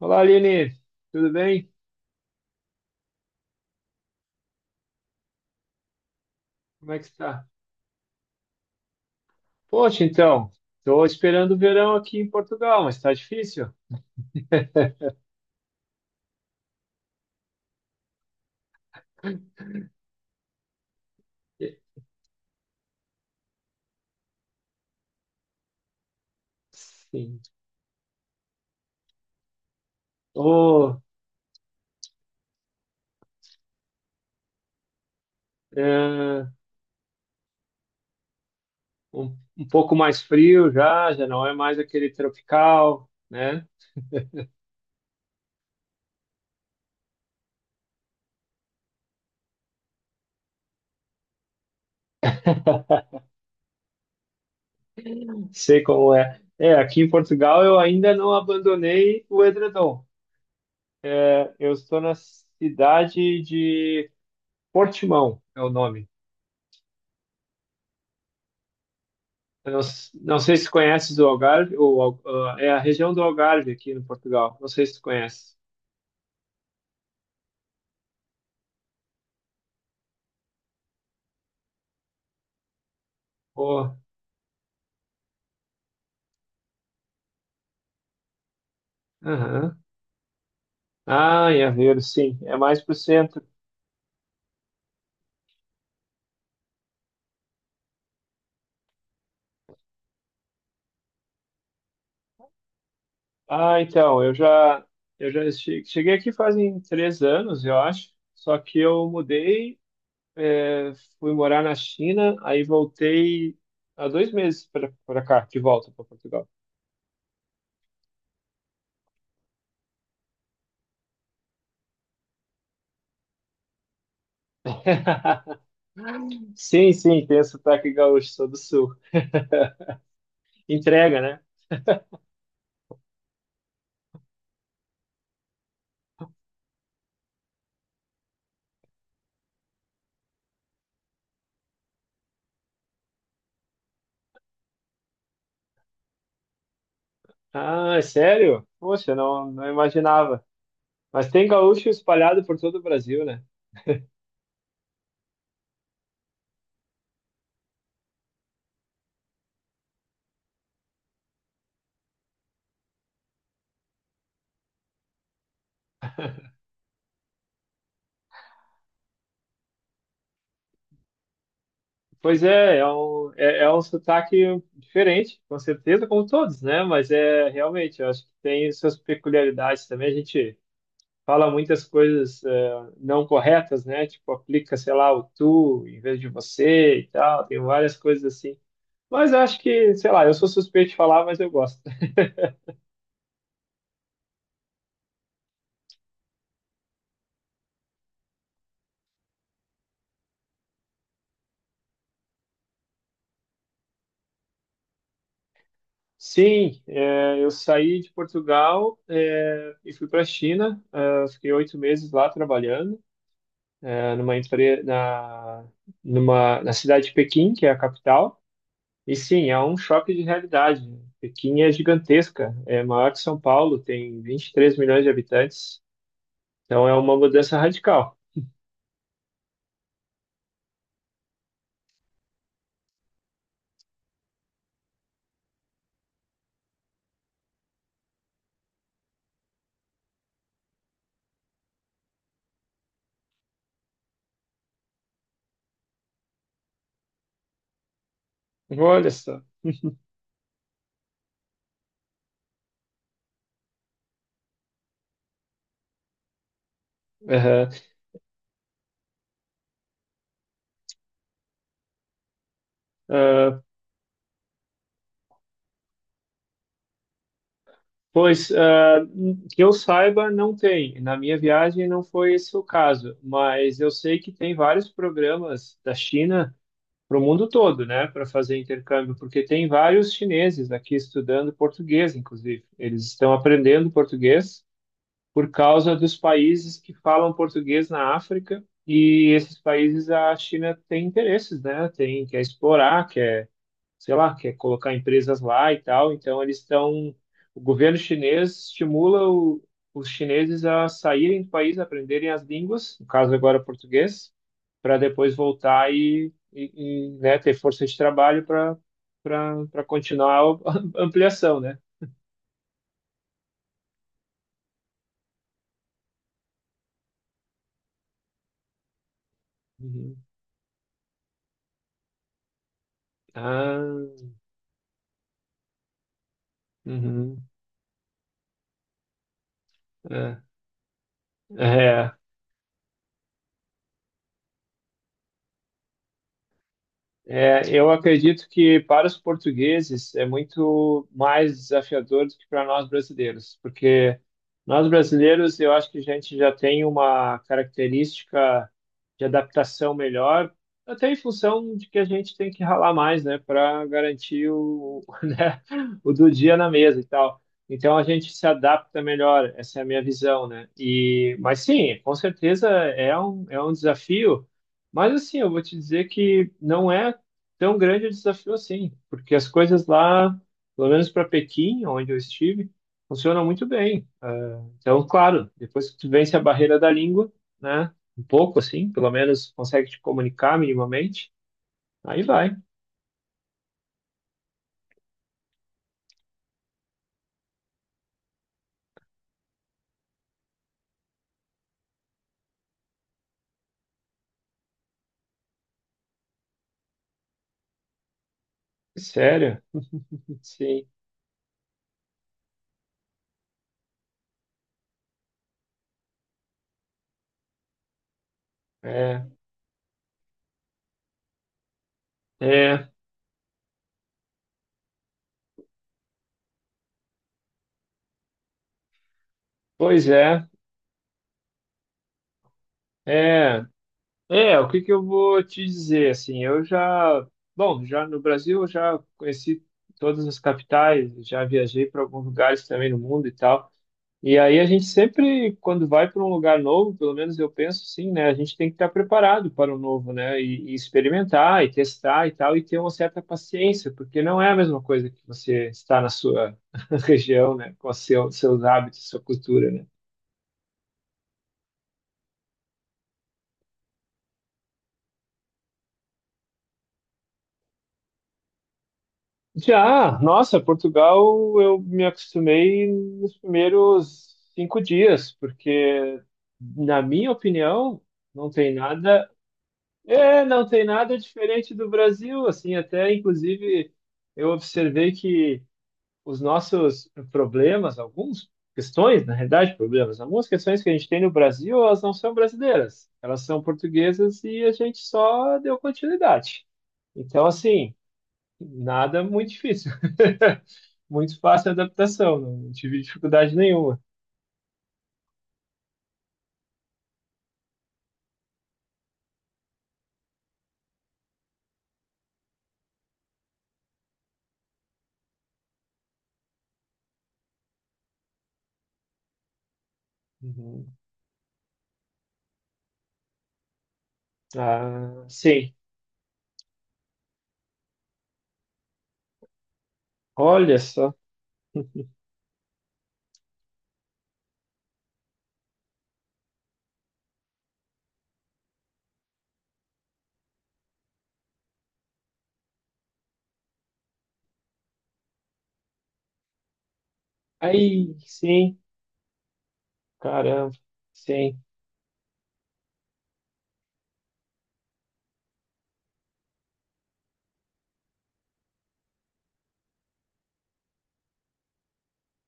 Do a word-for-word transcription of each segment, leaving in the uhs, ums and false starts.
Olá, Aline, tudo bem? Como é que está? Poxa, então, estou esperando o verão aqui em Portugal, mas está difícil. E- Sim. Oh, é, um, um pouco mais frio já, já não é mais aquele tropical, né? Sei como é. É, aqui em Portugal eu ainda não abandonei o edredom. É, eu estou na cidade de Portimão, é o nome. Eu não, s- não sei se conheces o Algarve, ou, Al- ah, é a região do Algarve aqui no Portugal. Não sei se tu conhece. Oh, aham. Ah, em Aveiro, sim. É mais para o centro. Ah, então, eu já, eu já che- cheguei aqui fazem três anos, eu acho. Só que eu mudei, eh, fui morar na China, aí voltei há dois meses para cá, de volta para Portugal. Sim, sim, tem o sotaque gaúcho, sou do sul. Entrega, né? Ah, é sério? Poxa, não, não imaginava. Mas tem gaúcho espalhado por todo o Brasil, né? Pois é, é um, é, é um sotaque diferente, com certeza, como todos, né? Mas é realmente, eu acho que tem suas peculiaridades também. A gente fala muitas coisas eh, não corretas, né? Tipo, aplica, sei lá, o tu em vez de você e tal. Tem várias coisas assim. Mas eu acho que, sei lá, eu sou suspeito de falar, mas eu gosto. Sim, é, eu saí de Portugal, é, e fui para a China. É, fiquei oito meses lá trabalhando, é, numa empre- na, numa, na cidade de Pequim, que é a capital. E sim, é um choque de realidade. Pequim é gigantesca, é maior que São Paulo, tem vinte e três milhões de habitantes. Então é uma mudança radical. Olha só. Aham. Ah, pois, ah, que eu saiba, não tem. Na minha viagem não foi esse o caso, mas eu sei que tem vários programas da China para o mundo todo, né, para fazer intercâmbio, porque tem vários chineses aqui estudando português, inclusive. Eles estão aprendendo português por causa dos países que falam português na África, e esses países a China tem interesses, né, tem, quer explorar, quer sei lá, quer colocar empresas lá e tal. Então, eles estão. O governo chinês estimula o, os chineses a saírem do país, aprenderem as línguas, no caso agora português, para depois voltar e, e, e, né, ter força de trabalho para para para continuar a ampliação, né? Uhum. Ah, uhum. É, é, É, eu acredito que para os portugueses é muito mais desafiador do que para nós brasileiros, porque nós brasileiros eu acho que a gente já tem uma característica de adaptação melhor, até em função de que a gente tem que ralar mais, né, para garantir o, né, o do dia na mesa e tal. Então a gente se adapta melhor, essa é a minha visão, né? E, mas sim, com certeza é um, é um desafio. Mas assim, eu vou te dizer que não é tão grande é o desafio assim, porque as coisas lá, pelo menos para Pequim, onde eu estive, funcionam muito bem. Eh, então, claro, depois que tu vence a barreira da língua, né? Um pouco assim, pelo menos consegue te comunicar minimamente, aí vai. É sério, sim. É, é, pois é, é, é, o que que eu vou te dizer, assim, eu já, bom, já no Brasil eu já conheci todas as capitais, já viajei para alguns lugares também no mundo e tal. E aí a gente sempre, quando vai para um lugar novo, pelo menos eu penso assim, né? A gente tem que estar preparado para o novo, né? E, e experimentar, e testar e tal, e ter uma certa paciência, porque não é a mesma coisa que você está na sua região, né? Com seu, seus hábitos, sua cultura, né? Já, nossa, Portugal, eu me acostumei nos primeiros cinco dias, porque, na minha opinião, não tem nada é, não tem nada diferente do Brasil, assim, até inclusive eu observei que os nossos problemas, algumas questões, na realidade, problemas, algumas questões que a gente tem no Brasil, elas não são brasileiras, elas são portuguesas e a gente só deu continuidade. Então, assim, nada muito difícil. Muito fácil a adaptação, não tive dificuldade nenhuma. Uhum. Ah, sim, olha só. Aí, sim, caramba, sim.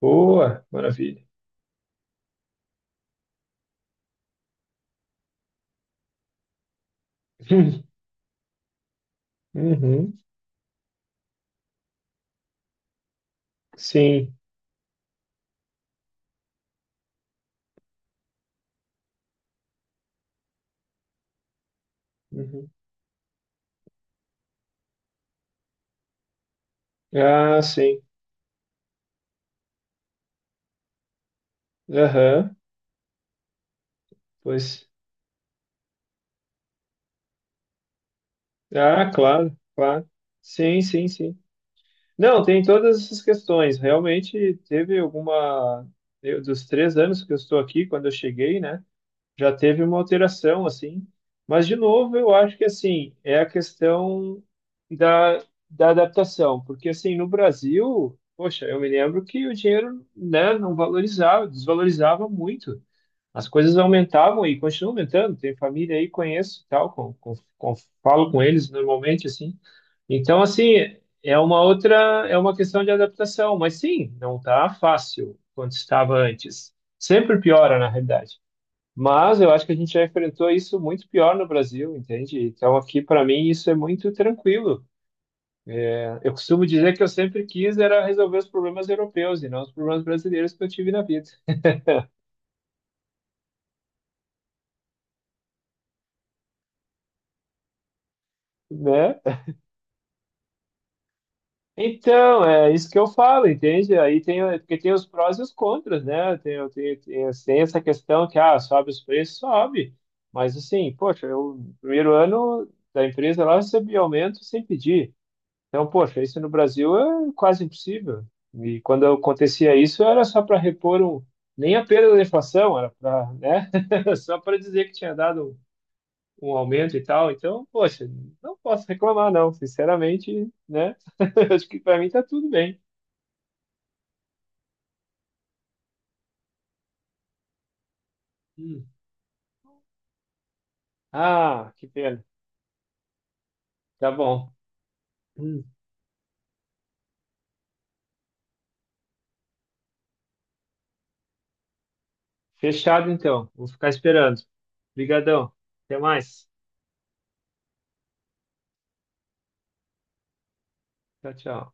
Boa, maravilha. Uhum, sim. Uhum. Ah, sim. Aham, pois. Ah, claro, claro. Sim, sim, sim. Não, tem todas essas questões. Realmente teve alguma. Eu- dos três anos que eu estou aqui, quando eu cheguei, né? Já teve uma alteração assim, mas de novo eu acho que assim é a questão da, da adaptação, porque assim no Brasil, poxa, eu me lembro que o dinheiro, né, não valorizava, desvalorizava muito. As coisas aumentavam e continuam aumentando. Tem família aí, conheço, e tal, com, com, com- falo com eles normalmente assim. Então assim, é uma outra, é uma questão de adaptação, mas sim, não tá fácil quanto estava antes. Sempre piora, na realidade. Mas eu acho que a gente já enfrentou isso muito pior no Brasil, entende? Então aqui para mim isso é muito tranquilo. Eu costumo dizer que eu sempre quis era resolver os problemas europeus e não os problemas brasileiros que eu tive na vida, né? Então, é isso que eu falo, entende? Aí tem, porque tem os prós e os contras, né? Tem, tem, tem, tem essa questão que, ah, sobe os preços, sobe. Mas assim, poxa, eu, no primeiro ano da empresa lá eu recebi aumento sem pedir. Então, poxa, isso no Brasil é quase impossível. E quando acontecia isso, era só para repor um, nem a perda da inflação, era para, né? Só para dizer que tinha dado um, um aumento e tal. Então, poxa, não posso reclamar, não. Sinceramente, né? Acho que para mim tá tudo bem. Hum. Ah, que pena. Tá bom. Hum. Fechado, então. Vou ficar esperando. Obrigadão. Até mais. Tchau, tchau.